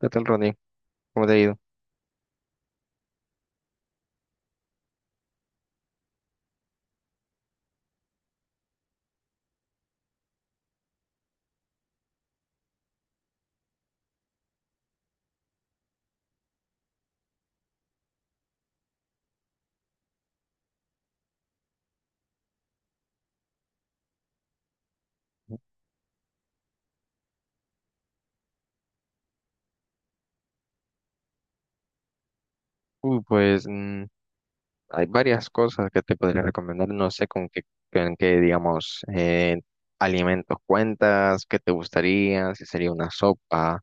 ¿Qué tal, Ronnie? ¿Cómo te ha ido? Uy, pues hay varias cosas que te podría recomendar. No sé con qué, digamos, alimentos cuentas, qué te gustaría, si sería una sopa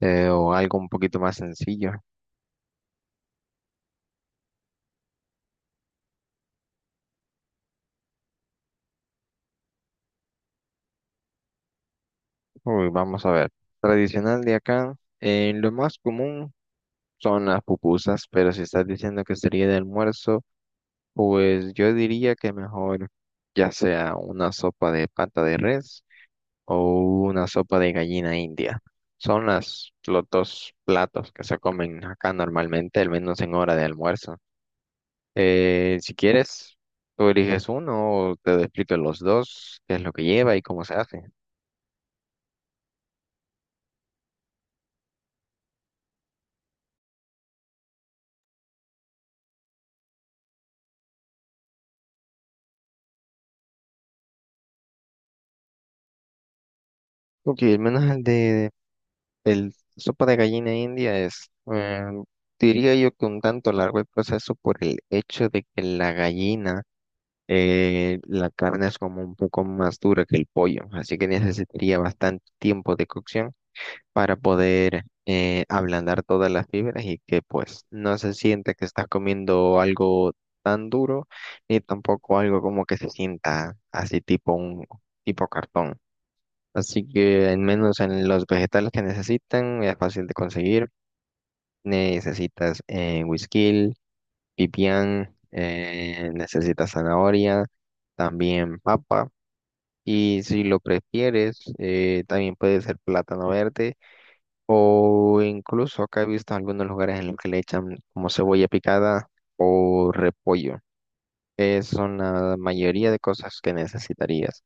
o algo un poquito más sencillo. Uy, vamos a ver. Tradicional de acá, lo más común son las pupusas, pero si estás diciendo que sería de almuerzo, pues yo diría que mejor ya sea una sopa de pata de res o una sopa de gallina india. Son los dos platos que se comen acá normalmente, al menos en hora de almuerzo. Si quieres, tú eliges uno o te explico los dos, qué es lo que lleva y cómo se hace. Ok, al menos el sopa de gallina india es, diría yo que un tanto largo el proceso por el hecho de que la gallina, la carne es como un poco más dura que el pollo, así que necesitaría bastante tiempo de cocción para poder ablandar todas las fibras y que pues no se sienta que estás comiendo algo tan duro ni tampoco algo como que se sienta así tipo cartón. Así que al menos en los vegetales que necesitan es fácil de conseguir. Necesitas güisquil, pipián, necesitas zanahoria, también papa. Y si lo prefieres, también puede ser plátano verde o incluso acá he visto algunos lugares en los que le echan como cebolla picada o repollo, que son la mayoría de cosas que necesitarías.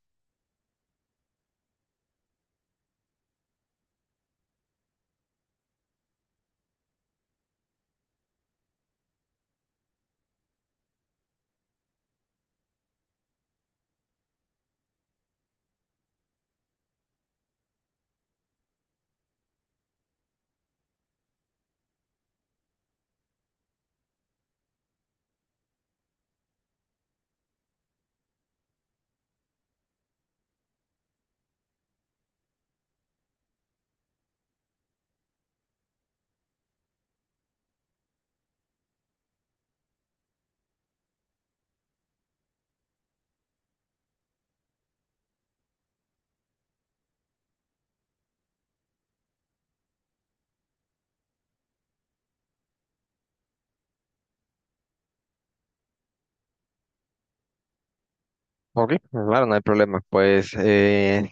Ok, claro, no hay problema. Pues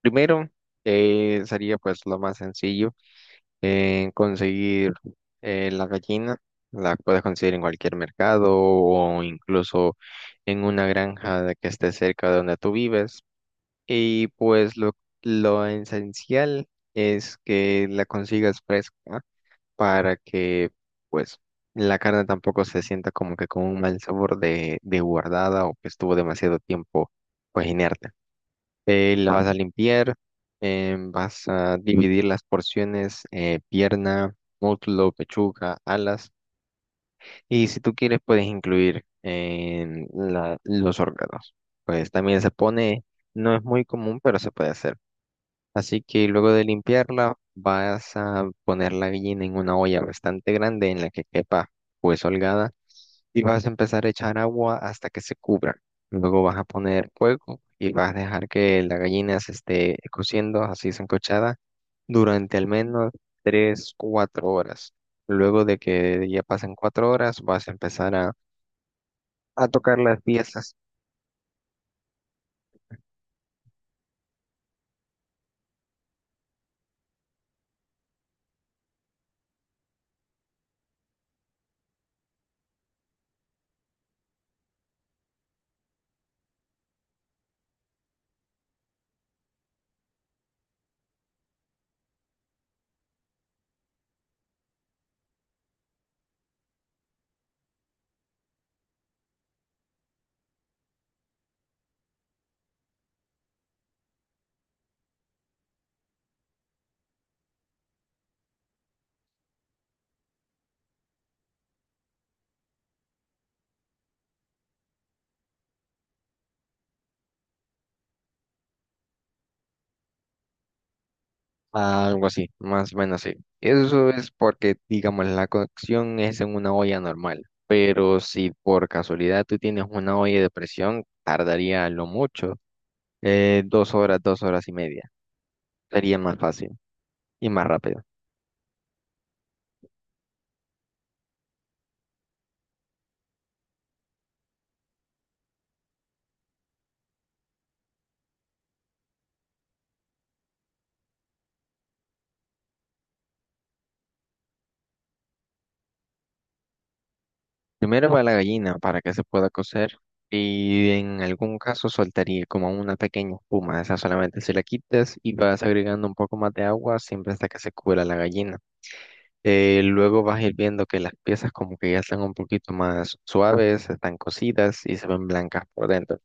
primero sería pues lo más sencillo, conseguir la gallina. La puedes conseguir en cualquier mercado o incluso en una granja de que esté cerca de donde tú vives. Y pues lo esencial es que la consigas fresca para que pues la carne tampoco se sienta como que con un mal sabor de guardada o que estuvo demasiado tiempo pues inerte. La vas a limpiar, vas a dividir las porciones, pierna, muslo, pechuga, alas y si tú quieres puedes incluir los órganos. Pues también se pone, no es muy común, pero se puede hacer. Así que luego de limpiarla, vas a poner la gallina en una olla bastante grande en la que quepa pues holgada y vas a empezar a echar agua hasta que se cubra. Luego vas a poner fuego y vas a dejar que la gallina se esté cociendo así sancochada durante al menos 3 4 horas. Luego de que ya pasen 4 horas, vas a empezar a tocar las piezas. Ah, algo así, más o menos así. Eso es porque, digamos, la cocción es en una olla normal, pero si por casualidad tú tienes una olla de presión, tardaría a lo mucho 2 horas, 2 horas y media. Sería más fácil y más rápido. Primero va la gallina para que se pueda cocer y en algún caso soltaría como una pequeña espuma. Esa solamente se la quitas y vas agregando un poco más de agua siempre hasta que se cubra la gallina. Luego vas a ir viendo que las piezas como que ya están un poquito más suaves, están cocidas y se ven blancas por dentro.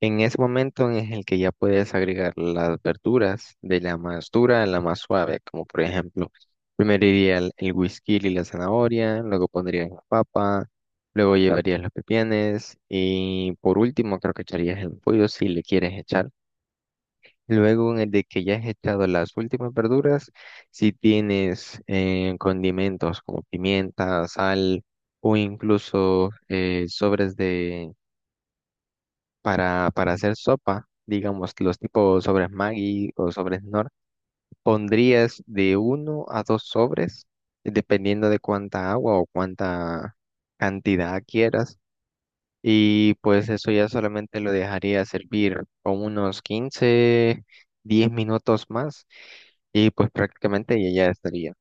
En ese momento en el que ya puedes agregar las verduras de la más dura a la más suave, como por ejemplo, primero iría el whisky y la zanahoria, luego pondrías la papa, luego llevarías los pepienes y por último creo que echarías el pollo si le quieres echar. Luego, en el de que ya has echado las últimas verduras, si tienes condimentos como pimienta, sal o incluso sobres para hacer sopa, digamos los tipos sobres Maggi o sobres Knorr, pondrías de uno a dos sobres, dependiendo de cuánta agua o cuánta cantidad quieras. Y pues eso ya solamente lo dejaría servir con unos 15 10 minutos más y pues prácticamente y ya estaría.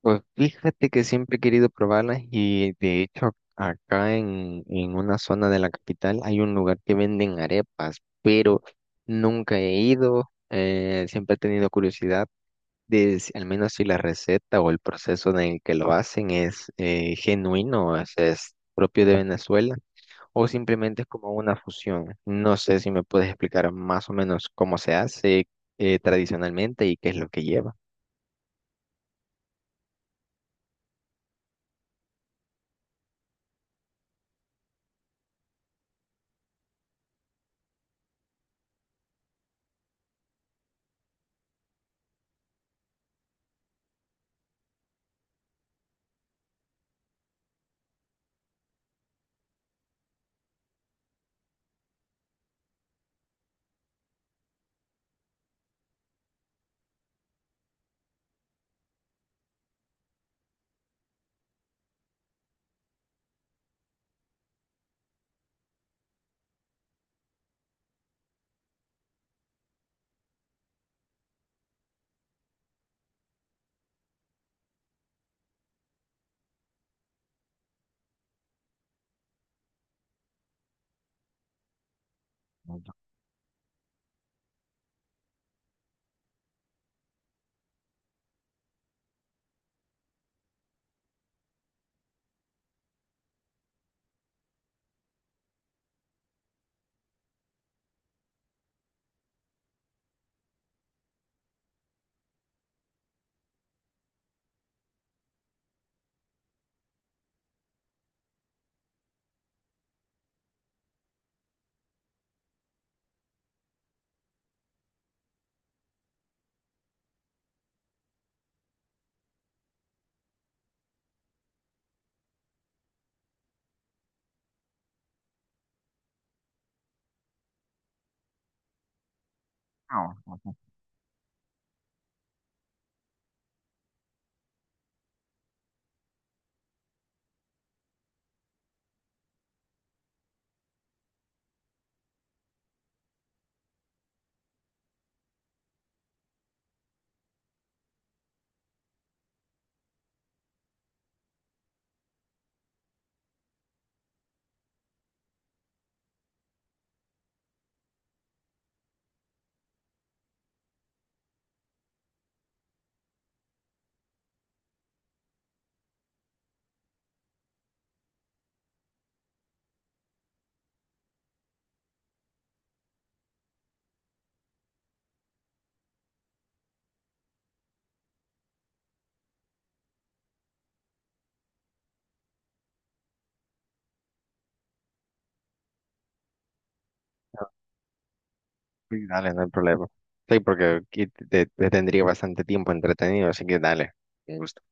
Pues fíjate que siempre he querido probarlas y de hecho acá en una zona de la capital hay un lugar que venden arepas, pero nunca he ido, siempre he tenido curiosidad de si- al menos si la receta o el proceso en el que lo hacen es genuino, es propio de Venezuela o simplemente es como una fusión. No sé si me puedes explicar más o menos cómo se hace tradicionalmente y qué es lo que lleva. Sí, dale, no hay problema. Sí, porque aquí te tendría bastante tiempo entretenido, así que dale, un gusto.